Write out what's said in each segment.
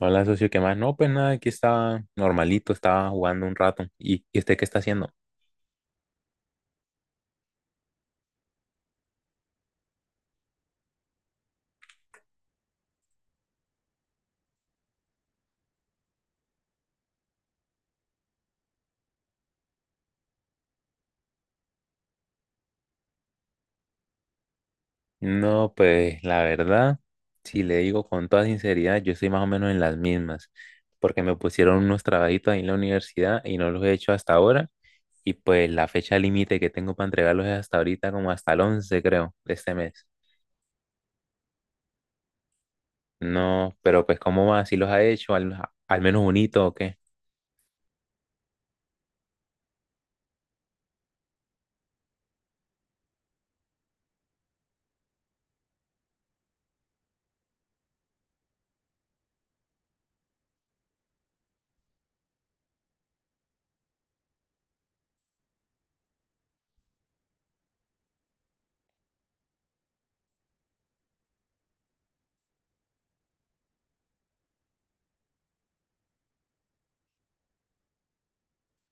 Hola, socio, ¿qué más? No, pues nada, aquí estaba normalito, estaba jugando un rato. ¿Y usted qué está haciendo? No, pues la verdad, si le digo con toda sinceridad, yo estoy más o menos en las mismas, porque me pusieron unos trabajitos ahí en la universidad y no los he hecho hasta ahora. Y pues la fecha límite que tengo para entregarlos es hasta ahorita, como hasta el 11 creo, de este mes. No, pero pues ¿cómo va? ¿Si los ha hecho? ¿Al menos bonito o qué?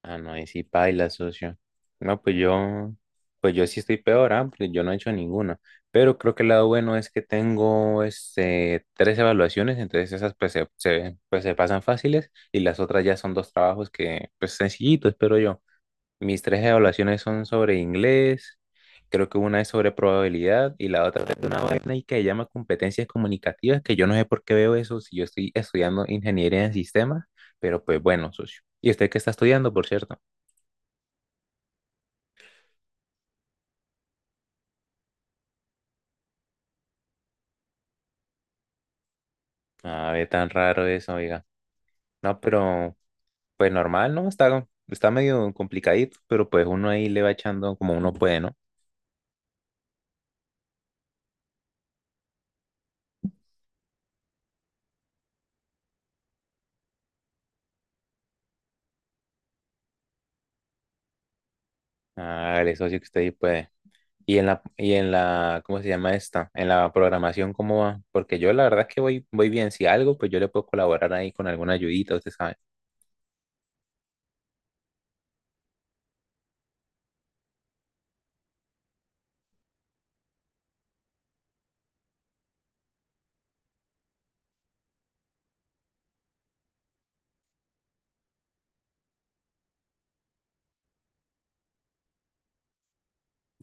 Ah, no, ahí sí paila, socio. No, pues yo sí estoy peor, ah, porque yo no he hecho ninguna. Pero creo que el lado bueno es que tengo este, tres evaluaciones, entonces esas pues se pasan fáciles y las otras ya son dos trabajos que, pues sencillitos, espero yo. Mis tres evaluaciones son sobre inglés, creo que una es sobre probabilidad y la otra es de una vaina y que se llama competencias comunicativas, que yo no sé por qué veo eso si yo estoy estudiando ingeniería en sistemas, pero pues bueno, socio. ¿Y usted qué está estudiando, por cierto? A ver, tan raro eso, oiga. No, pero pues normal, ¿no? Está medio complicadito, pero pues uno ahí le va echando como uno puede, ¿no? Hágale, socio, que usted ahí puede. Y en la, ¿cómo se llama esta? En la programación, ¿cómo va? Porque yo la verdad es que voy, voy bien. Si algo, pues yo le puedo colaborar ahí con alguna ayudita, usted sabe.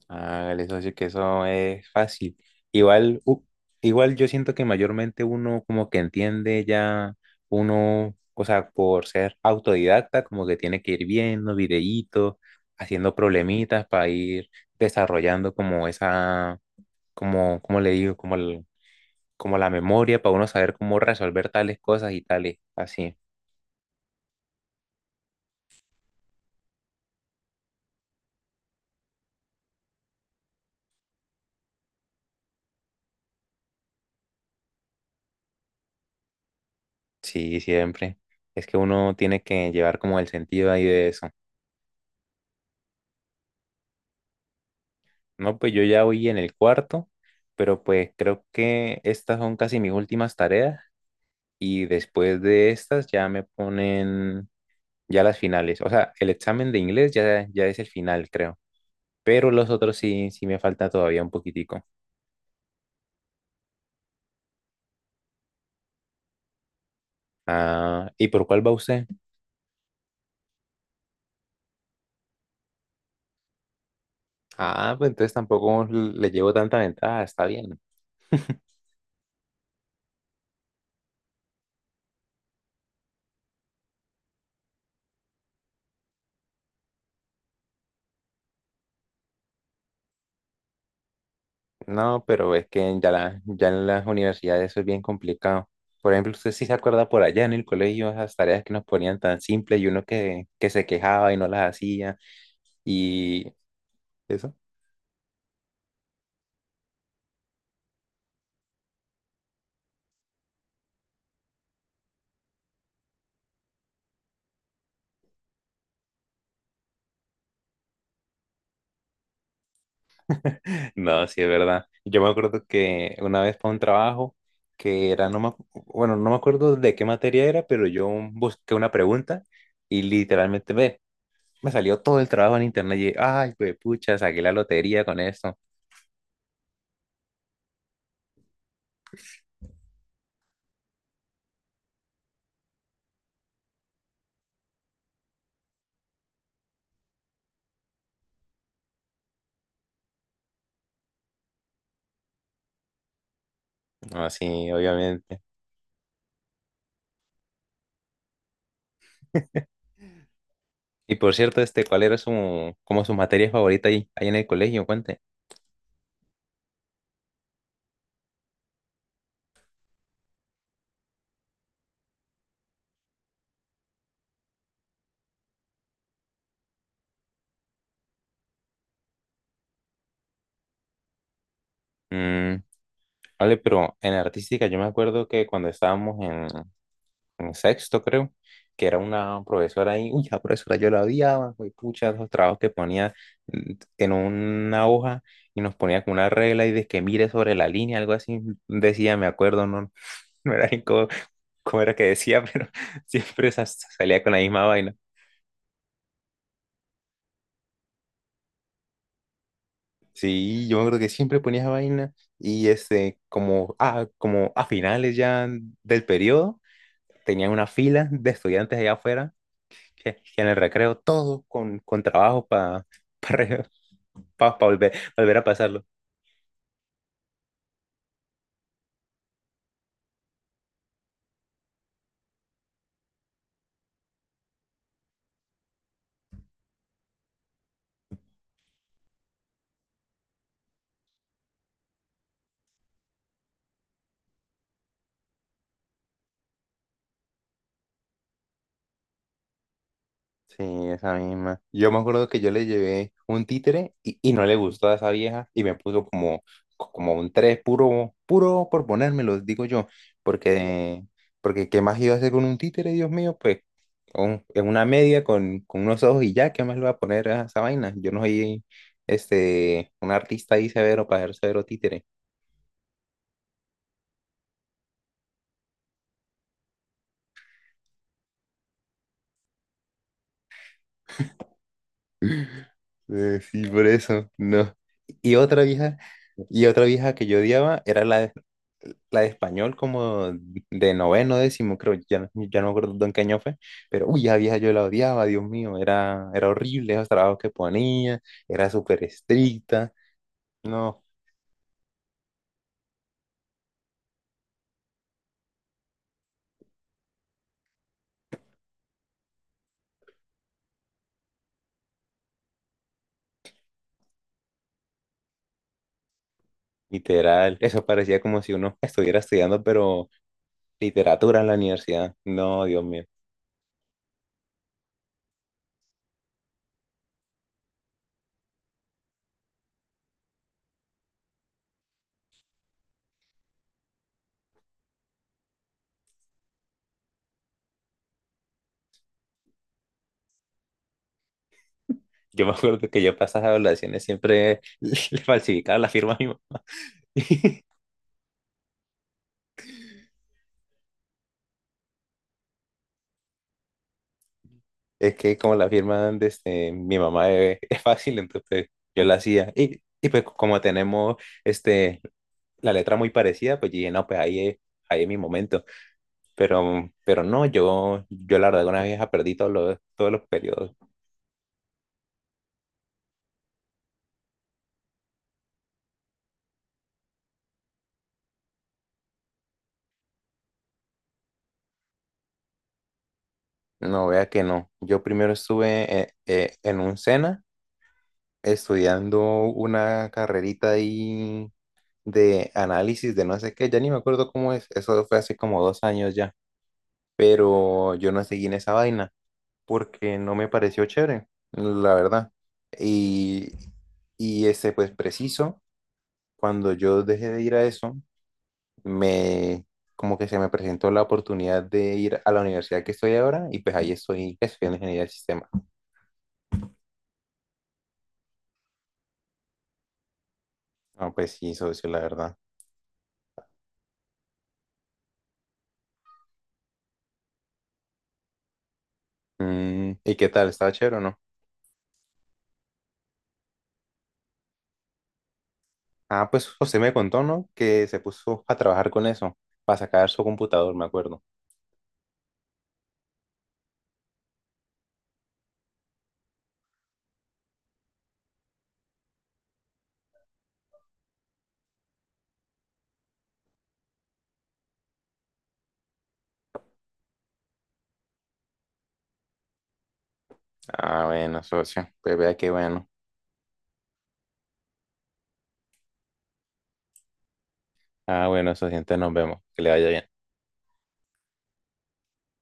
Hágale, socio, que eso es fácil. Igual, u- igual yo siento que mayormente uno como que entiende ya, uno, o sea, por ser autodidacta, como que tiene que ir viendo videitos, haciendo problemitas para ir desarrollando como esa, como, como le digo, como la memoria para uno saber cómo resolver tales cosas y tales, así. Sí, siempre. Es que uno tiene que llevar como el sentido ahí de eso. No, pues yo ya voy en el cuarto, pero pues creo que estas son casi mis últimas tareas y después de estas ya me ponen ya las finales. O sea, el examen de inglés ya, ya es el final, creo. Pero los otros sí, sí me falta todavía un poquitico. Ah, ¿y por cuál va usted? Ah, pues entonces tampoco le llevo tanta ventaja, está bien. No, pero es que ya, ya en las universidades eso es bien complicado. Por ejemplo, usted sí se acuerda por allá en el colegio esas tareas que nos ponían tan simples y uno que se quejaba y no las hacía y eso. No, sí es verdad. Yo me acuerdo que una vez para un trabajo que era, bueno, no me acuerdo de qué materia era, pero yo busqué una pregunta y literalmente ve, me salió todo el trabajo en internet y, ay, pues pucha, saqué la lotería con eso. Así, obviamente. Y por cierto, este, ¿cuál era su, como su materia favorita ahí, ahí en el colegio? Cuente. Mm, vale, pero en artística yo me acuerdo que cuando estábamos en sexto, creo, que era una profesora ahí, uy, la profesora yo la odiaba, uy, pucha, los trabajos que ponía mm, en una hoja y nos ponía con una regla y de que mire sobre la línea, algo así, decía, me acuerdo, no, no era ni cómo, cómo era que decía, pero siempre salía con la misma vaina. Sí, yo me acuerdo que siempre ponía esa vaina y este, como, como a finales ya del periodo, tenían una fila de estudiantes allá afuera que en el recreo todos con trabajo para pa, pa volver, volver a pasarlo. Sí, esa misma. Yo me acuerdo que yo le llevé un títere y no le gustó a esa vieja y me puso como, como un 3 puro, puro por ponérmelo, digo yo, porque, porque ¿qué más iba a hacer con un títere, Dios mío? Pues en una media con unos ojos y ya, ¿qué más le va a poner a esa vaina? Yo no soy este, un artista ahí severo para hacer severo títere. Sí, por eso, no. Y otra vieja, y otra vieja que yo odiaba era la de español, como de noveno, décimo, creo, ya, ya no me acuerdo en qué año fue, pero uy, esa vieja yo la odiaba, Dios mío, era horrible esos trabajos que ponía, era súper estricta, no, literal, eso parecía como si uno estuviera estudiando, pero literatura en la universidad, no, Dios mío. Yo me acuerdo que yo para esas evaluaciones siempre le falsificaba la firma a mi mamá. Es que como la firma de este, mi mamá es fácil, entonces pues, yo la hacía. Y pues como tenemos este, la letra muy parecida, pues yo dije, no, pues ahí es mi momento. Pero no, yo la verdad una vieja perdí todos los periodos. No, vea que no. Yo primero estuve en un SENA estudiando una carrerita ahí de análisis de no sé qué, ya ni me acuerdo cómo es, eso fue hace como 2 años ya, pero yo no seguí en esa vaina porque no me pareció chévere, la verdad. Y, y ese, pues preciso, cuando yo dejé de ir a eso, me como que se me presentó la oportunidad de ir a la universidad que estoy ahora y pues ahí estoy estudiando ingeniería del sistema. No, pues sí, socio, la verdad. Mm, ¿y qué tal? ¿Estaba chévere o no? Ah, pues José me contó, ¿no? Que se puso a trabajar con eso, para sacar su computador, me acuerdo. Ah, bueno, socio, pues vea qué bueno. Ah, bueno, socio, entonces nos vemos. Que le vaya bien.